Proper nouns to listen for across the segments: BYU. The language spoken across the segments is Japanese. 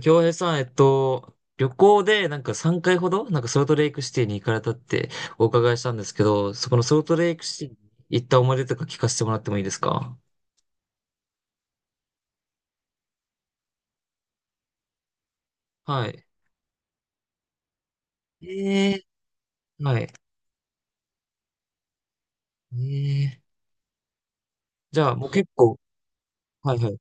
京平さん、旅行で3回ほど、ソルトレイクシティに行かれたってお伺いしたんですけど、そこのソルトレイクシティに行った思い出とか聞かせてもらってもいいですか？はい。えー、はい。えー、じゃあもう結構、はいはい。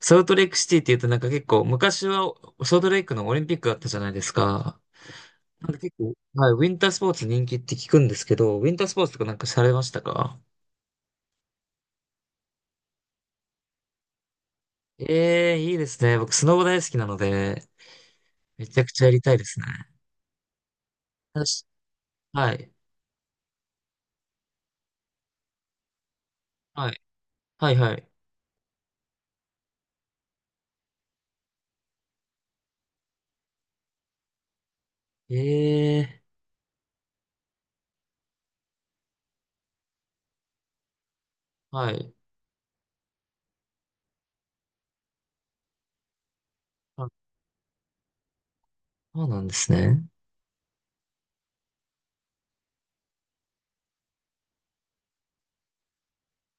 ソルトレイクシティって言うとなんか結構、昔はソルトレイクのオリンピックだったじゃないですか。なんか結構、はい、ウィンタースポーツ人気って聞くんですけど、ウィンタースポーツとかなんかされましたか？ええー、いいですね。僕、スノボ大好きなので、めちゃくちゃやりたいですね。私はい。はい。はい、はい。ええ、はい。あ、そうなんですね。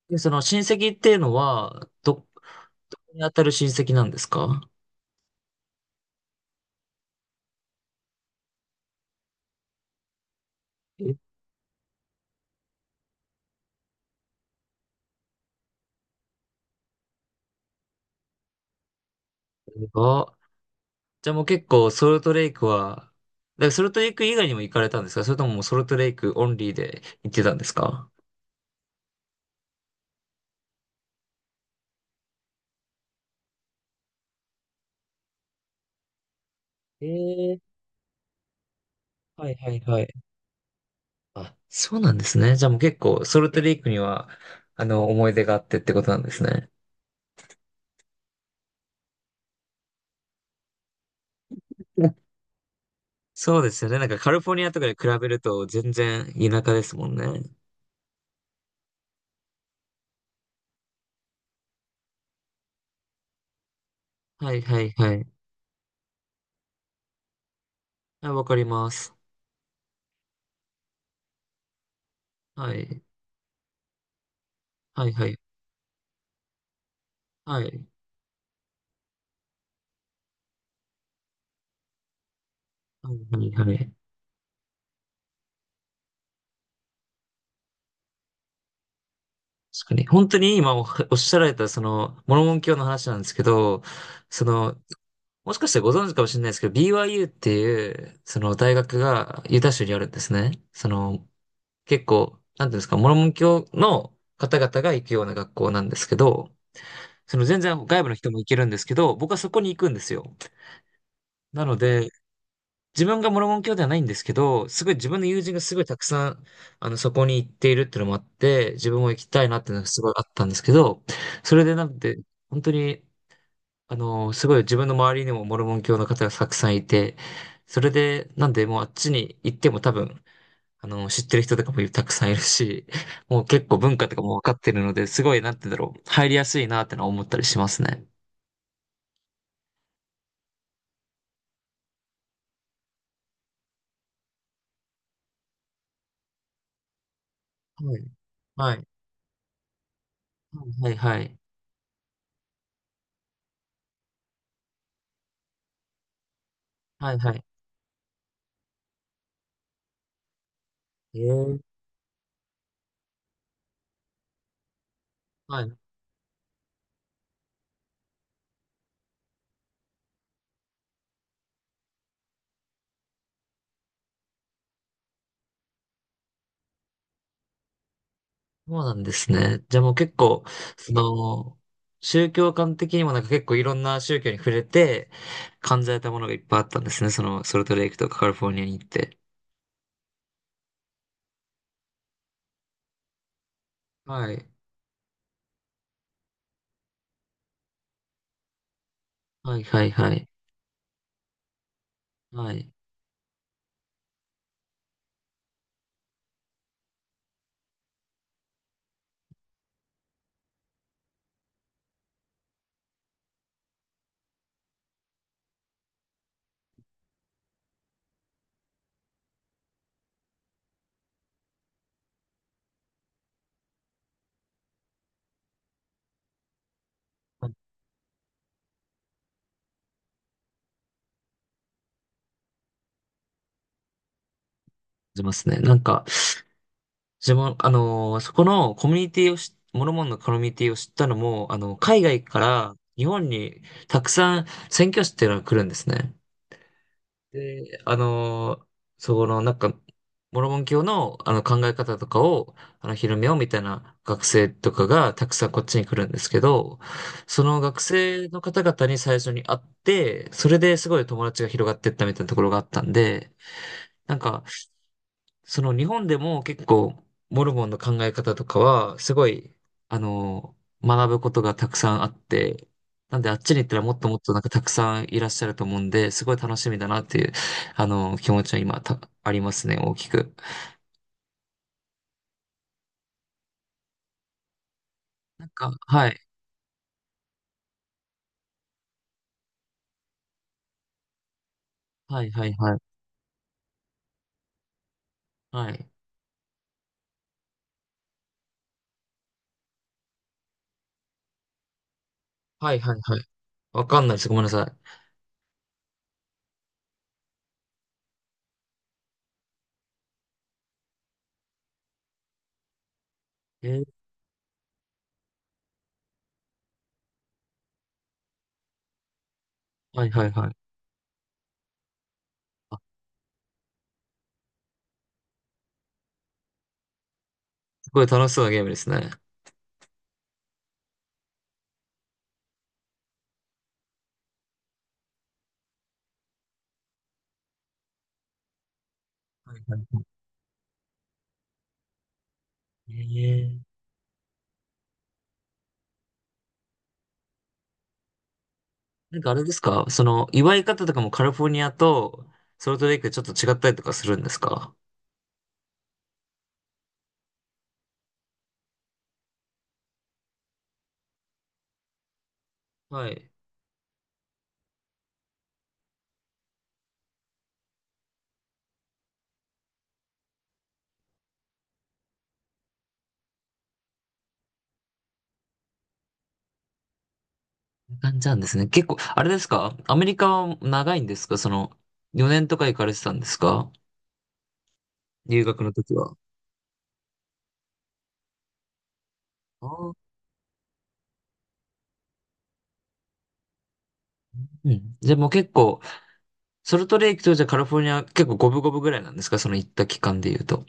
で、その親戚っていうのは、どこに当たる親戚なんですか？え、あ、じゃあもう結構ソルトレイクは、だからソルトレイク以外にも行かれたんですか？それとももうソルトレイクオンリーで行ってたんですか？ええ、はいはいはい。あ、そうなんですね。じゃあもう結構ソルトレイクには、思い出があってってことなんですね。そうですよね。なんかカリフォルニアとかで比べると全然田舎ですもんね。はいはいはい。はい、わかります。はい。はいはい。はい。はいはいはい。確かに。本当に今おおっしゃられたその、モルモン教の話なんですけど、その、もしかしてご存知かもしれないですけど、BYU っていう、その大学がユタ州にあるんですね。その、結構、なんていうんですか、モルモン教の方々が行くような学校なんですけど、その全然外部の人も行けるんですけど、僕はそこに行くんですよ。なので、自分がモルモン教ではないんですけど、すごい自分の友人がすごいたくさん、そこに行っているっていうのもあって、自分も行きたいなっていうのがすごいあったんですけど、それでなんで、本当に、すごい自分の周りにもモルモン教の方がたくさんいて、それで、なんでもうあっちに行っても多分、知ってる人とかもたくさんいるし、もう結構文化とかも分かってるので、すごい、なんて言うんだろう、入りやすいなってのは思ったりしますね。はい。はい。はい、はい、はい。はい、はい。ええ。はい、そうなんですね。じゃあもう結構、その、宗教観的にもなんか結構いろんな宗教に触れて感じられたものがいっぱいあったんですね。その、ソルトレイクとかカリフォルニアに行って。はい。はいはいはい。はい。感じますね。なんか、自分、そこのコミュニティをし、モルモンのコミュニティを知ったのも、海外から日本にたくさん宣教師っていうのが来るんですね。で、そこの、なんか、モルモン教の、あの考え方とかを、広めようみたいな学生とかがたくさんこっちに来るんですけど、その学生の方々に最初に会って、それですごい友達が広がっていったみたいなところがあったんで、なんか、その日本でも結構モルモンの考え方とかはすごい、あの、学ぶことがたくさんあって、なんであっちに行ったらもっともっとなんかたくさんいらっしゃると思うんで、すごい楽しみだなっていう、気持ちは今ありますね、大きく。なんか、はい。はいはいはい。はい。はいはいはい。わかんないです。ごめんなさい。えーはいはいはい。あ、すごい楽しそうなゲームですね。はいはいはい。えーなんかあれですかその、祝い方とかもカリフォルニアとソルトレイクでちょっと違ったりとかするんですか？はい。こんな感じなんですね。結構、あれですかアメリカは長いんですかその、4年とか行かれてたんですか？留学の時は。ああ。うん。じゃあもう結構、ソルトレイクとじゃあカリフォルニア結構五分五分ぐらいなんですかその行った期間で言うと。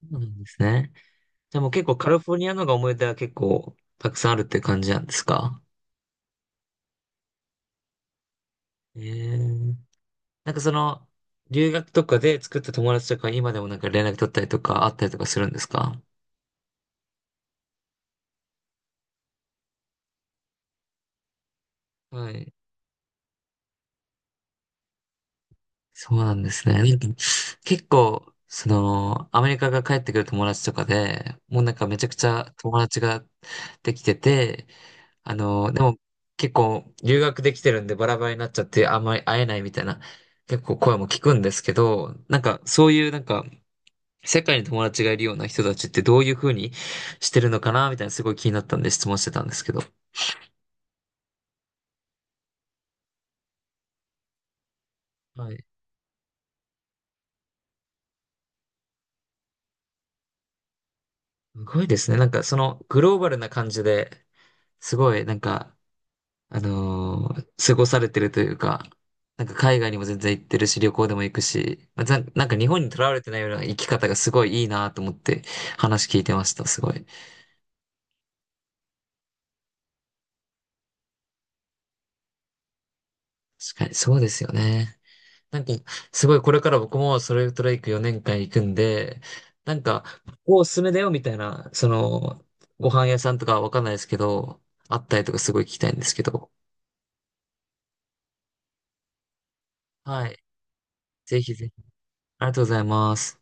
そうなんですね。じゃあもう結構カリフォルニアの方が思い出は結構たくさんあるっていう感じなんですか？ええなんかその、留学とかで作った友達とか今でもなんか連絡取ったりとかあったりとかするんですか？はい。そうなんですね。なんか結構、その、アメリカが帰ってくる友達とかで、もうなんかめちゃくちゃ友達ができてて、でも結構留学できてるんでバラバラになっちゃってあんまり会えないみたいな結構声も聞くんですけど、なんかそういうなんか世界に友達がいるような人たちってどういうふうにしてるのかなみたいなすごい気になったんで質問してたんですけど。はい。すごいですね。なんかそのグローバルな感じで、すごいなんか、過ごされてるというか、なんか海外にも全然行ってるし、旅行でも行くし、まあざなんか日本にとらわれてないような生き方がすごいいいなと思って話聞いてました。すごい。確かにそうですよね。なんか、すごいこれから僕もそれトレイク4年間行くんで、なんか、ここおすすめだよみたいな、その、ご飯屋さんとかわかんないですけど、あったりとかすごい聞きたいんですけど、はい。ぜひぜひ。ありがとうございます。